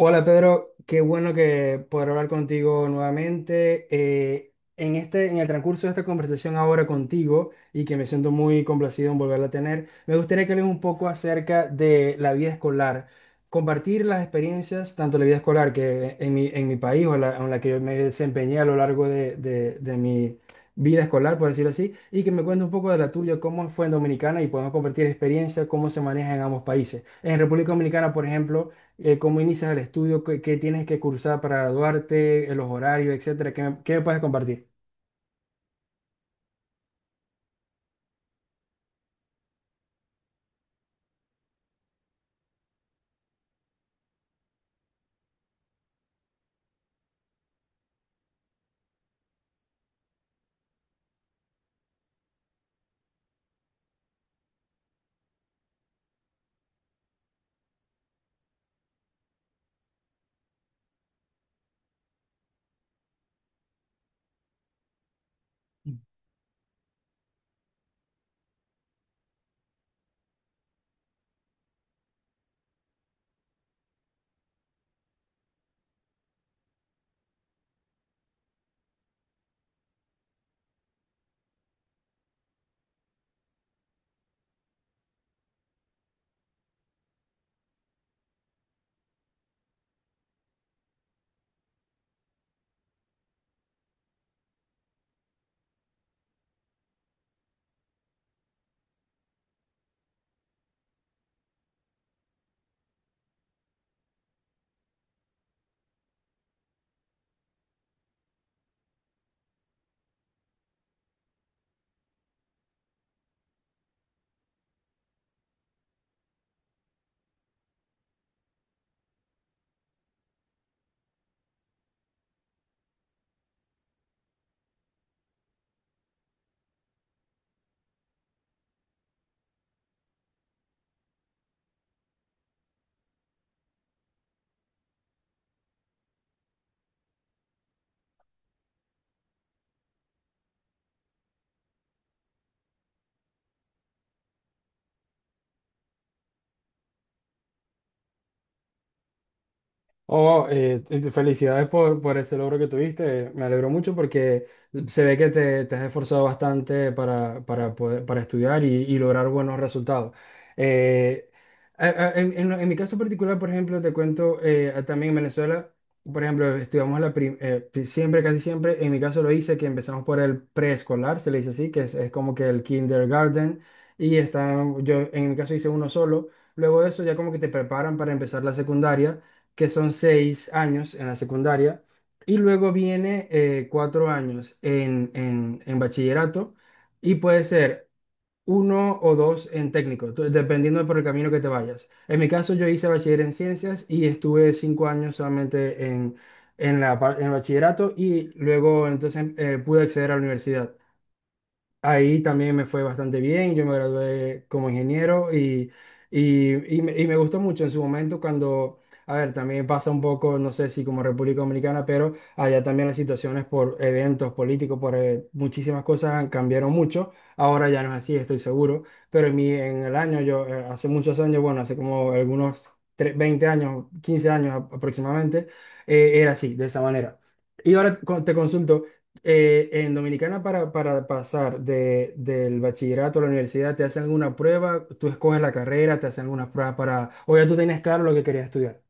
Hola Pedro, qué bueno que poder hablar contigo nuevamente. En el transcurso de esta conversación ahora contigo y que me siento muy complacido en volverla a tener, me gustaría que hables un poco acerca de la vida escolar, compartir las experiencias, tanto la vida escolar que en en mi país en la que yo me desempeñé a lo largo de mi vida escolar, por decirlo así, y que me cuentes un poco de la tuya, cómo fue en Dominicana y podemos compartir experiencias, cómo se maneja en ambos países. En República Dominicana, por ejemplo, cómo inicias el estudio, qué tienes que cursar para graduarte, los horarios, etcétera. ¿Qué me puedes compartir? Oh, felicidades por ese logro que tuviste. Me alegro mucho porque se ve que te has esforzado bastante para estudiar y lograr buenos resultados. Eh, en mi caso particular, por ejemplo, te cuento, también en Venezuela, por ejemplo, estudiamos siempre, casi siempre, en mi caso lo hice, que empezamos por el preescolar, se le dice así, que es como que el kindergarten, y está, yo en mi caso hice uno solo. Luego de eso ya como que te preparan para empezar la secundaria, que son 6 años en la secundaria, y luego viene, 4 años en bachillerato, y puede ser uno o dos en técnico, dependiendo por el camino que te vayas. En mi caso, yo hice bachiller en ciencias y estuve 5 años solamente en bachillerato, y luego entonces, pude acceder a la universidad. Ahí también me fue bastante bien, yo me gradué como ingeniero, y me gustó mucho en su momento cuando, a ver, también pasa un poco, no sé si como República Dominicana, pero allá también las situaciones por eventos políticos, por muchísimas cosas cambiaron mucho, ahora ya no es así, estoy seguro, pero en, mi, en el año, yo hace muchos años, bueno, hace como algunos 20 años, 15 años aproximadamente, era así, de esa manera. Y ahora te consulto, en Dominicana para pasar del bachillerato a la universidad te hacen alguna prueba, tú escoges la carrera, te hacen algunas pruebas o ya tú tenías claro lo que querías estudiar.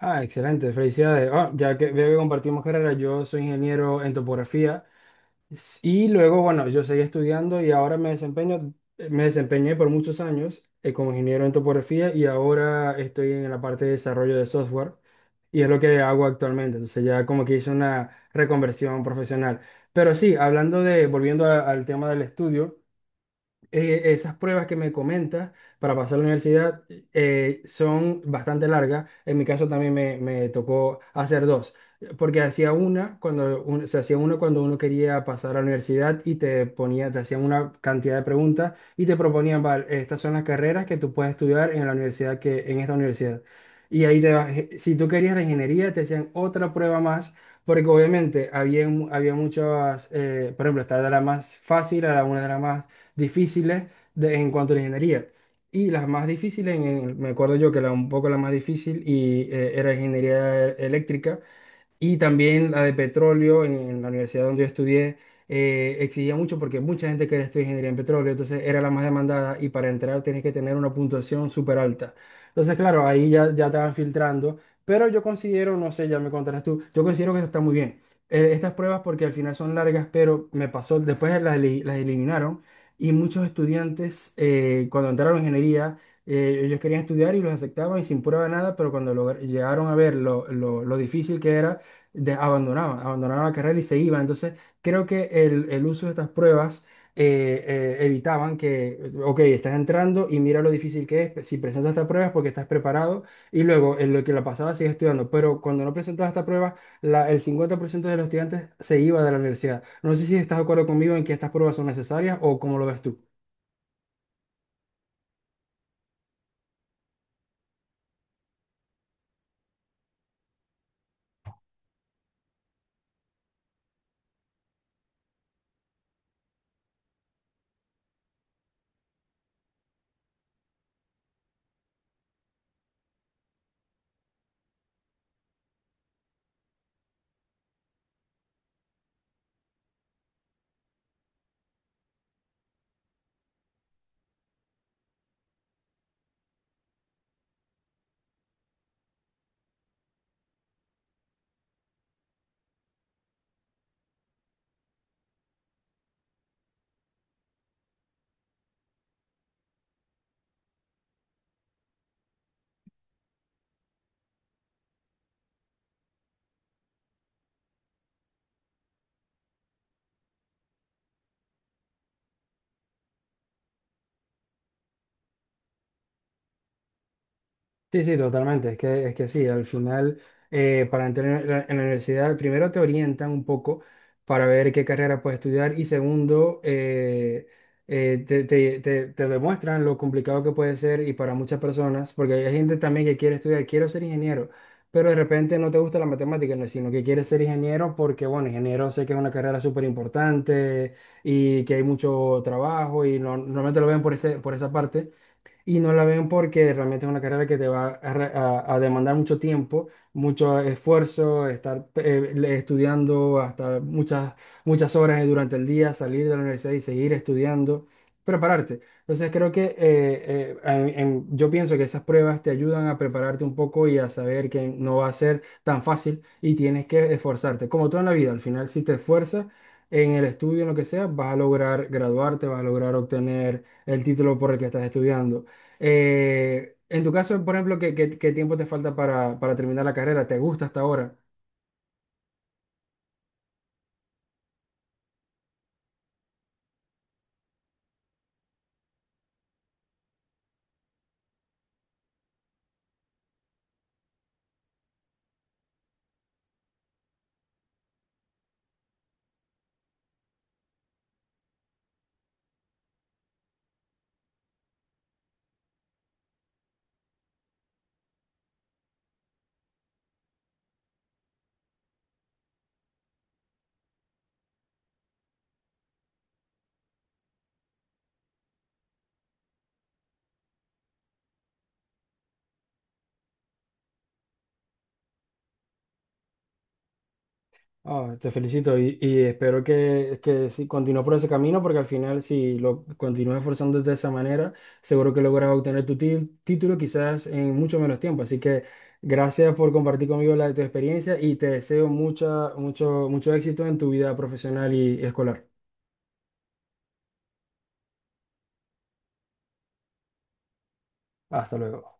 Ah, excelente, felicidades. Ah, ya que veo que compartimos carrera, yo soy ingeniero en topografía, y luego, bueno, yo seguí estudiando y ahora me desempeñé por muchos años, como ingeniero en topografía, y ahora estoy en la parte de desarrollo de software. Y es lo que hago actualmente. Entonces ya como que hice una reconversión profesional. Pero sí, hablando de, volviendo al tema del estudio, esas pruebas que me comentas para pasar a la universidad, son bastante largas. En mi caso también me tocó hacer dos, porque hacía una cuando se hacía una cuando uno quería pasar a la universidad y te ponía, te hacían una cantidad de preguntas y te proponían: "Vale, estas son las carreras que tú puedes estudiar en la universidad que en esta universidad". Y ahí te vas, si tú querías la ingeniería, te hacían otra prueba más. Porque obviamente había muchas, por ejemplo, esta era la más fácil, era una de las más difíciles en cuanto a la ingeniería. Y las más difíciles, me acuerdo yo que la, un poco la más difícil era ingeniería eléctrica y también la de petróleo en la universidad donde yo estudié, exigía mucho porque mucha gente quería estudiar ingeniería en petróleo, entonces era la más demandada y para entrar tienes que tener una puntuación súper alta. Entonces, claro, ahí ya te van filtrando, pero yo considero, no sé, ya me contarás tú, yo considero que eso está muy bien. Estas pruebas porque al final son largas, pero me pasó, después las eliminaron y muchos estudiantes, cuando entraron en ingeniería... Ellos querían estudiar y los aceptaban y sin prueba de nada, pero cuando llegaron a ver lo difícil que era, abandonaban la carrera y se iban. Entonces, creo que el uso de estas pruebas, evitaban que, ok, estás entrando y mira lo difícil que es, si presentas estas pruebas porque estás preparado y luego en lo que la pasaba sigues estudiando, pero cuando no presentabas esta prueba, el 50% de los estudiantes se iba de la universidad. No sé si estás de acuerdo conmigo en que estas pruebas son necesarias o cómo lo ves tú. Sí, sí, totalmente. Es que sí, al final, para entrar en en la universidad, primero te orientan un poco para ver qué carrera puedes estudiar, y segundo, te demuestran lo complicado que puede ser y para muchas personas, porque hay gente también que quiere estudiar, quiero ser ingeniero, pero de repente no te gusta la matemática, no, sino que quieres ser ingeniero porque, bueno, ingeniero sé que es una carrera súper importante y que hay mucho trabajo y normalmente lo ven por esa parte y no la ven porque realmente es una carrera que te va a demandar mucho tiempo, mucho esfuerzo, estar, estudiando hasta muchas, muchas horas durante el día, salir de la universidad y seguir estudiando, prepararte. Entonces creo que yo pienso que esas pruebas te ayudan a prepararte un poco y a saber que no va a ser tan fácil y tienes que esforzarte. Como todo en la vida, al final si te esfuerzas en el estudio, en lo que sea, vas a lograr graduarte, vas a lograr obtener el título por el que estás estudiando. En tu caso, por ejemplo, ¿qué tiempo te falta para terminar la carrera? ¿Te gusta hasta ahora? Ah, te felicito y espero que si continúes por ese camino, porque al final, si lo continúas esforzándote de esa manera, seguro que logras obtener tu título quizás en mucho menos tiempo. Así que gracias por compartir conmigo la de tu experiencia y te deseo mucho éxito en tu vida profesional y escolar. Hasta luego.